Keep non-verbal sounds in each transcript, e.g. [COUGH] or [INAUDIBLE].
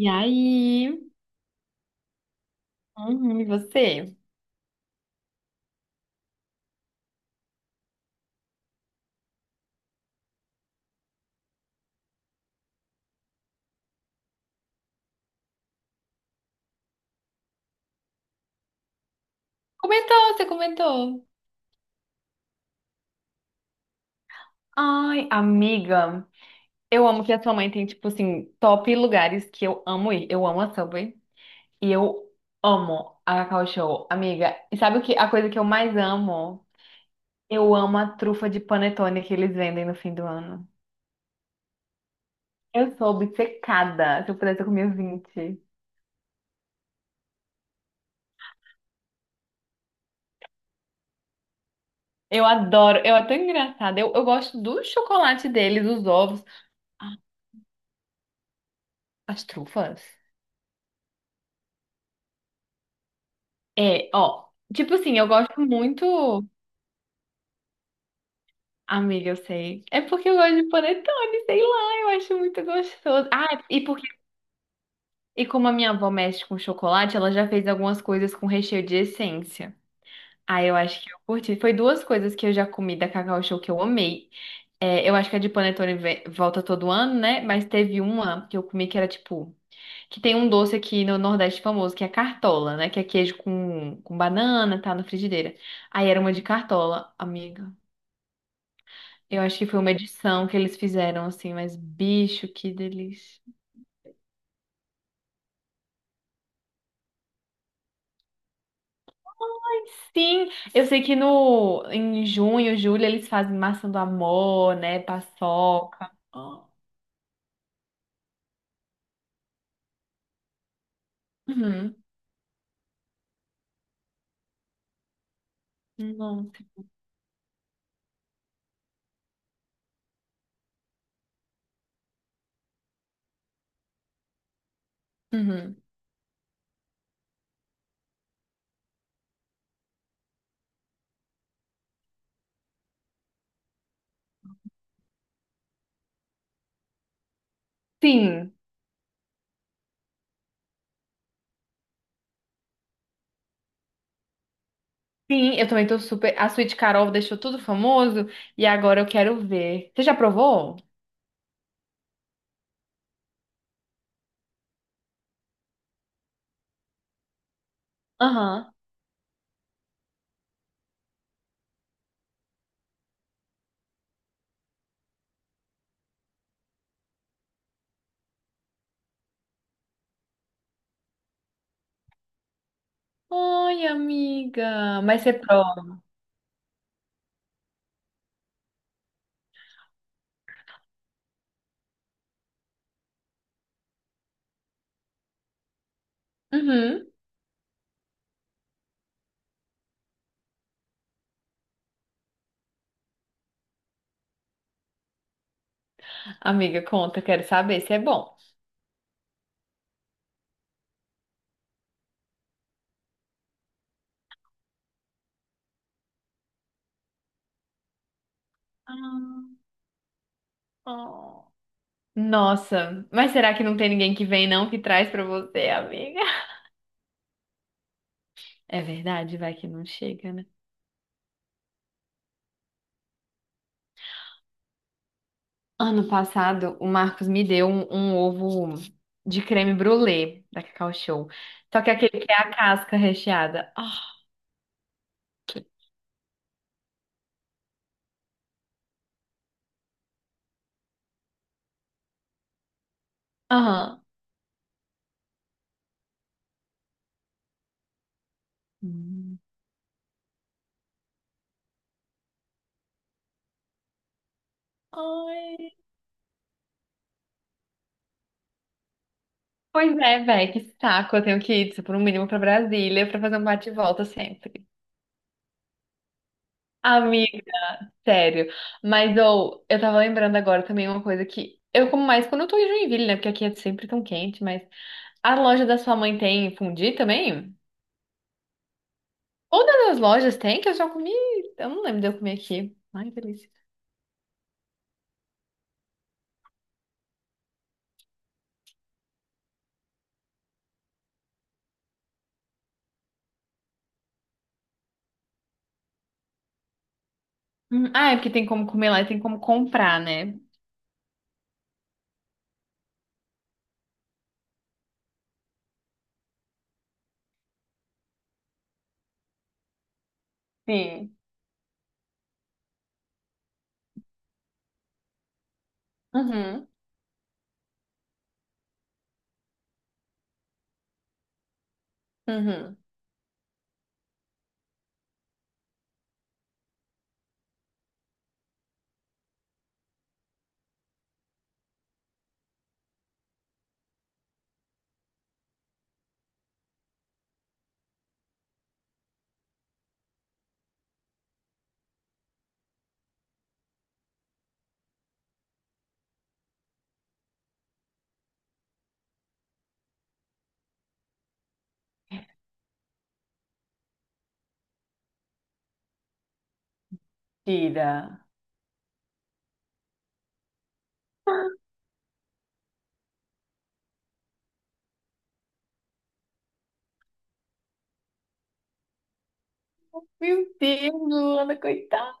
E aí? Uhum, e você? Comentou, você comentou. Ai, amiga, eu amo que a sua mãe tem, tipo assim, top lugares que eu amo ir. Eu amo a Subway e eu amo a Cacau Show, amiga. E sabe o que? A coisa que eu mais amo? Eu amo a trufa de panetone que eles vendem no fim do ano. Eu sou obcecada. Se eu pudesse, eu comia 20. Eu adoro, eu é tão engraçada. Eu gosto do chocolate deles, dos ovos. Ah, as trufas. É, ó, tipo assim, eu gosto muito. Amiga, eu sei. É porque eu gosto de panetone, sei lá, eu acho muito gostoso. Ah, e porque e como a minha avó mexe com chocolate, ela já fez algumas coisas com recheio de essência. Ah, eu acho que eu curti. Foi duas coisas que eu já comi da Cacau Show que eu amei. É, eu acho que a de panetone volta todo ano, né? Mas teve uma que eu comi que era tipo que tem um doce aqui no Nordeste famoso, que é cartola, né? Que é queijo com banana, tá na frigideira. Aí era uma de cartola, amiga. Eu acho que foi uma edição que eles fizeram, assim, mas bicho, que delícia. Sim, eu sei que no, em junho, julho, eles fazem massa do amor, né? Paçoca. Ah. Uhum. Nossa. Uhum. Sim, sim, eu também tô super. A Sweet Carol deixou tudo famoso e agora eu quero ver. Você já provou? Aham. Oi, amiga. Mas você prova. Uhum. Amiga, conta, quero saber se é bom. Ah, oh. Nossa, mas será que não tem ninguém que vem não que traz pra você, amiga? É verdade, vai que não chega, né? Ano passado, o Marcos me deu um ovo de creme brulee da Cacau Show. Só que aquele que é a casca recheada. Ah. Aham. Hum. Ai. Pois é, véi, que saco. Eu tenho que ir, por um mínimo, pra Brasília pra fazer um bate-volta sempre. Amigo, sério. Mas ou eu tava lembrando agora também uma coisa que eu como mais quando eu tô em Joinville, né? Porque aqui é sempre tão quente, mas a loja da sua mãe tem fundi também? Todas as lojas tem que eu já comi. Eu não lembro de eu comer aqui. Ai, que delícia. Ah, é porque tem como comer lá e tem como comprar, né? Sim. Uhum. Uhum. Tira. Meu Deus, Luana, coitada.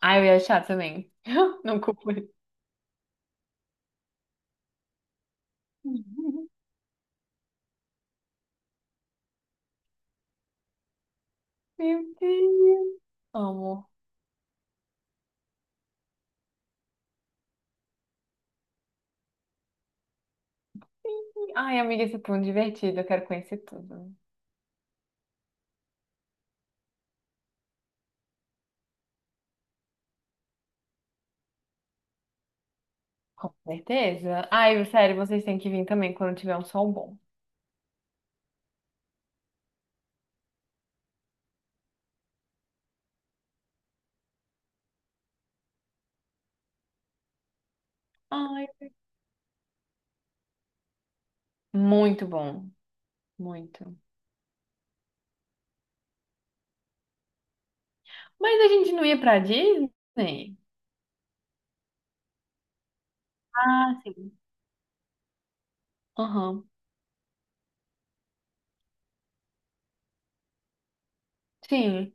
Ai, eu ia achar também. [LAUGHS] Não culpo ele. [LAUGHS] Meu Deus. Amo. Ai, amiga, esse ponto divertido, eu quero conhecer tudo. Com certeza. Ai, sério, vocês têm que vir também quando tiver um sol bom. Ai, muito bom, muito. Mas a gente não ia pra Disney? Ah, sim. Aham. Sim.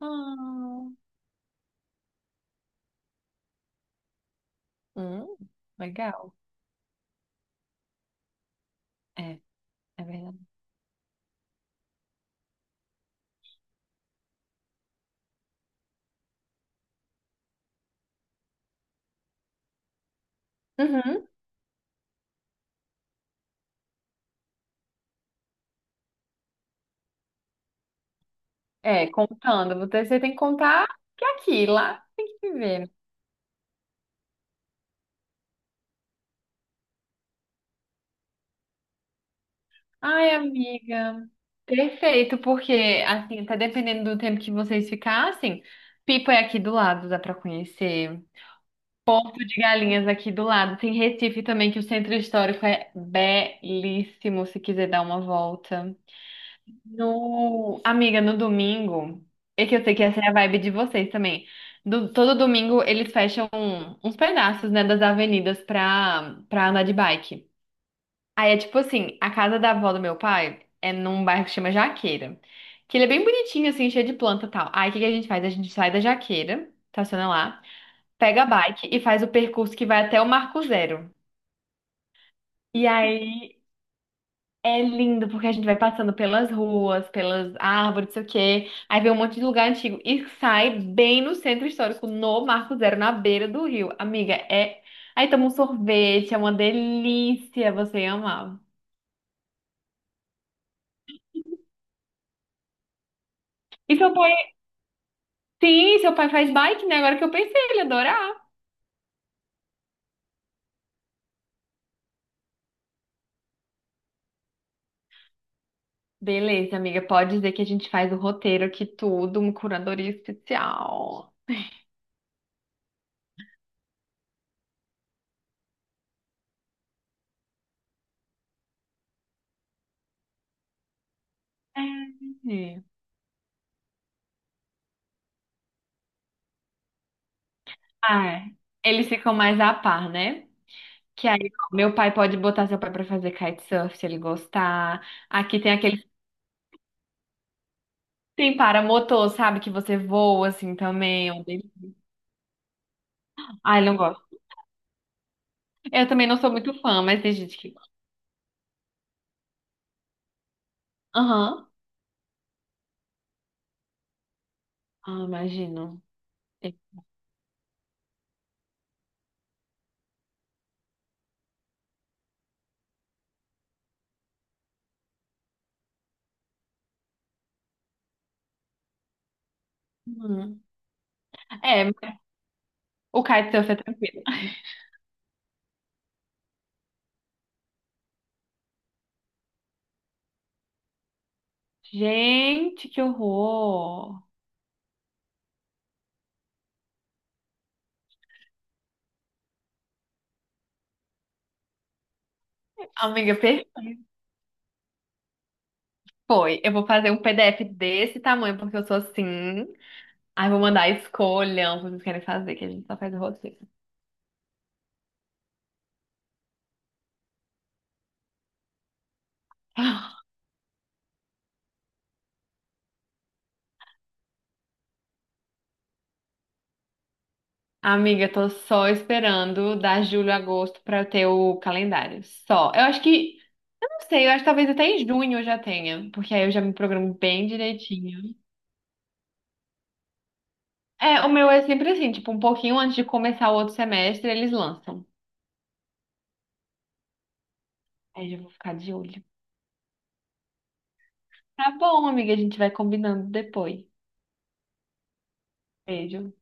Ah, hum, legal. É, é verdade. Uhum. É, contando, você tem que contar que é aqui, lá tem que viver. Ai, amiga, perfeito, porque assim, tá dependendo do tempo que vocês ficassem, Pipa é aqui do lado, dá pra conhecer. Porto de Galinhas aqui do lado. Tem Recife também, que o centro histórico é belíssimo, se quiser dar uma volta. No... Amiga, no domingo, é que eu sei que essa é a vibe de vocês também. Todo domingo eles fecham uns pedaços, né, das avenidas pra andar de bike. Aí é tipo assim, a casa da avó do meu pai é num bairro que chama Jaqueira. Que ele é bem bonitinho, assim, cheio de planta e tal. Aí o que que a gente faz? A gente sai da Jaqueira, estaciona lá, pega a bike e faz o percurso que vai até o Marco Zero. E aí é lindo, porque a gente vai passando pelas ruas, pelas árvores, não sei o quê. Aí vê um monte de lugar antigo e sai bem no centro histórico, no Marco Zero, na beira do rio. Amiga, é. Aí toma um sorvete, é uma delícia, você ia amar. E seu pai, sim, seu pai faz bike, né? Agora que eu pensei, ele ia adorar. Beleza, amiga, pode dizer que a gente faz o roteiro aqui tudo, uma curadoria especial. É. Ah, eles ficam mais a par, né? Que aí meu pai pode botar seu pai pra fazer kitesurf se ele gostar. Aqui tem aquele tem paramotor, sabe? Que você voa assim também. É um dele. Ai, não gosto. Eu também não sou muito fã, mas tem gente que gosta. Aham. Ah, imagino. É. Uhum. É, o kitesurf é tranquilo. Gente, que horror! Amiga, foi. Eu vou fazer um PDF desse tamanho, porque eu sou assim. Aí vou mandar escolham o que vocês querem fazer, que a gente só faz o roteiro. [GASPS] Amiga, eu tô só esperando dar julho agosto pra eu ter o calendário. Só. Eu acho que. Eu não sei, eu acho que talvez até em junho eu já tenha, porque aí eu já me programo bem direitinho. É, o meu é sempre assim, tipo, um pouquinho antes de começar o outro semestre, eles lançam. Aí eu já vou ficar de olho. Tá bom, amiga, a gente vai combinando depois. Beijo.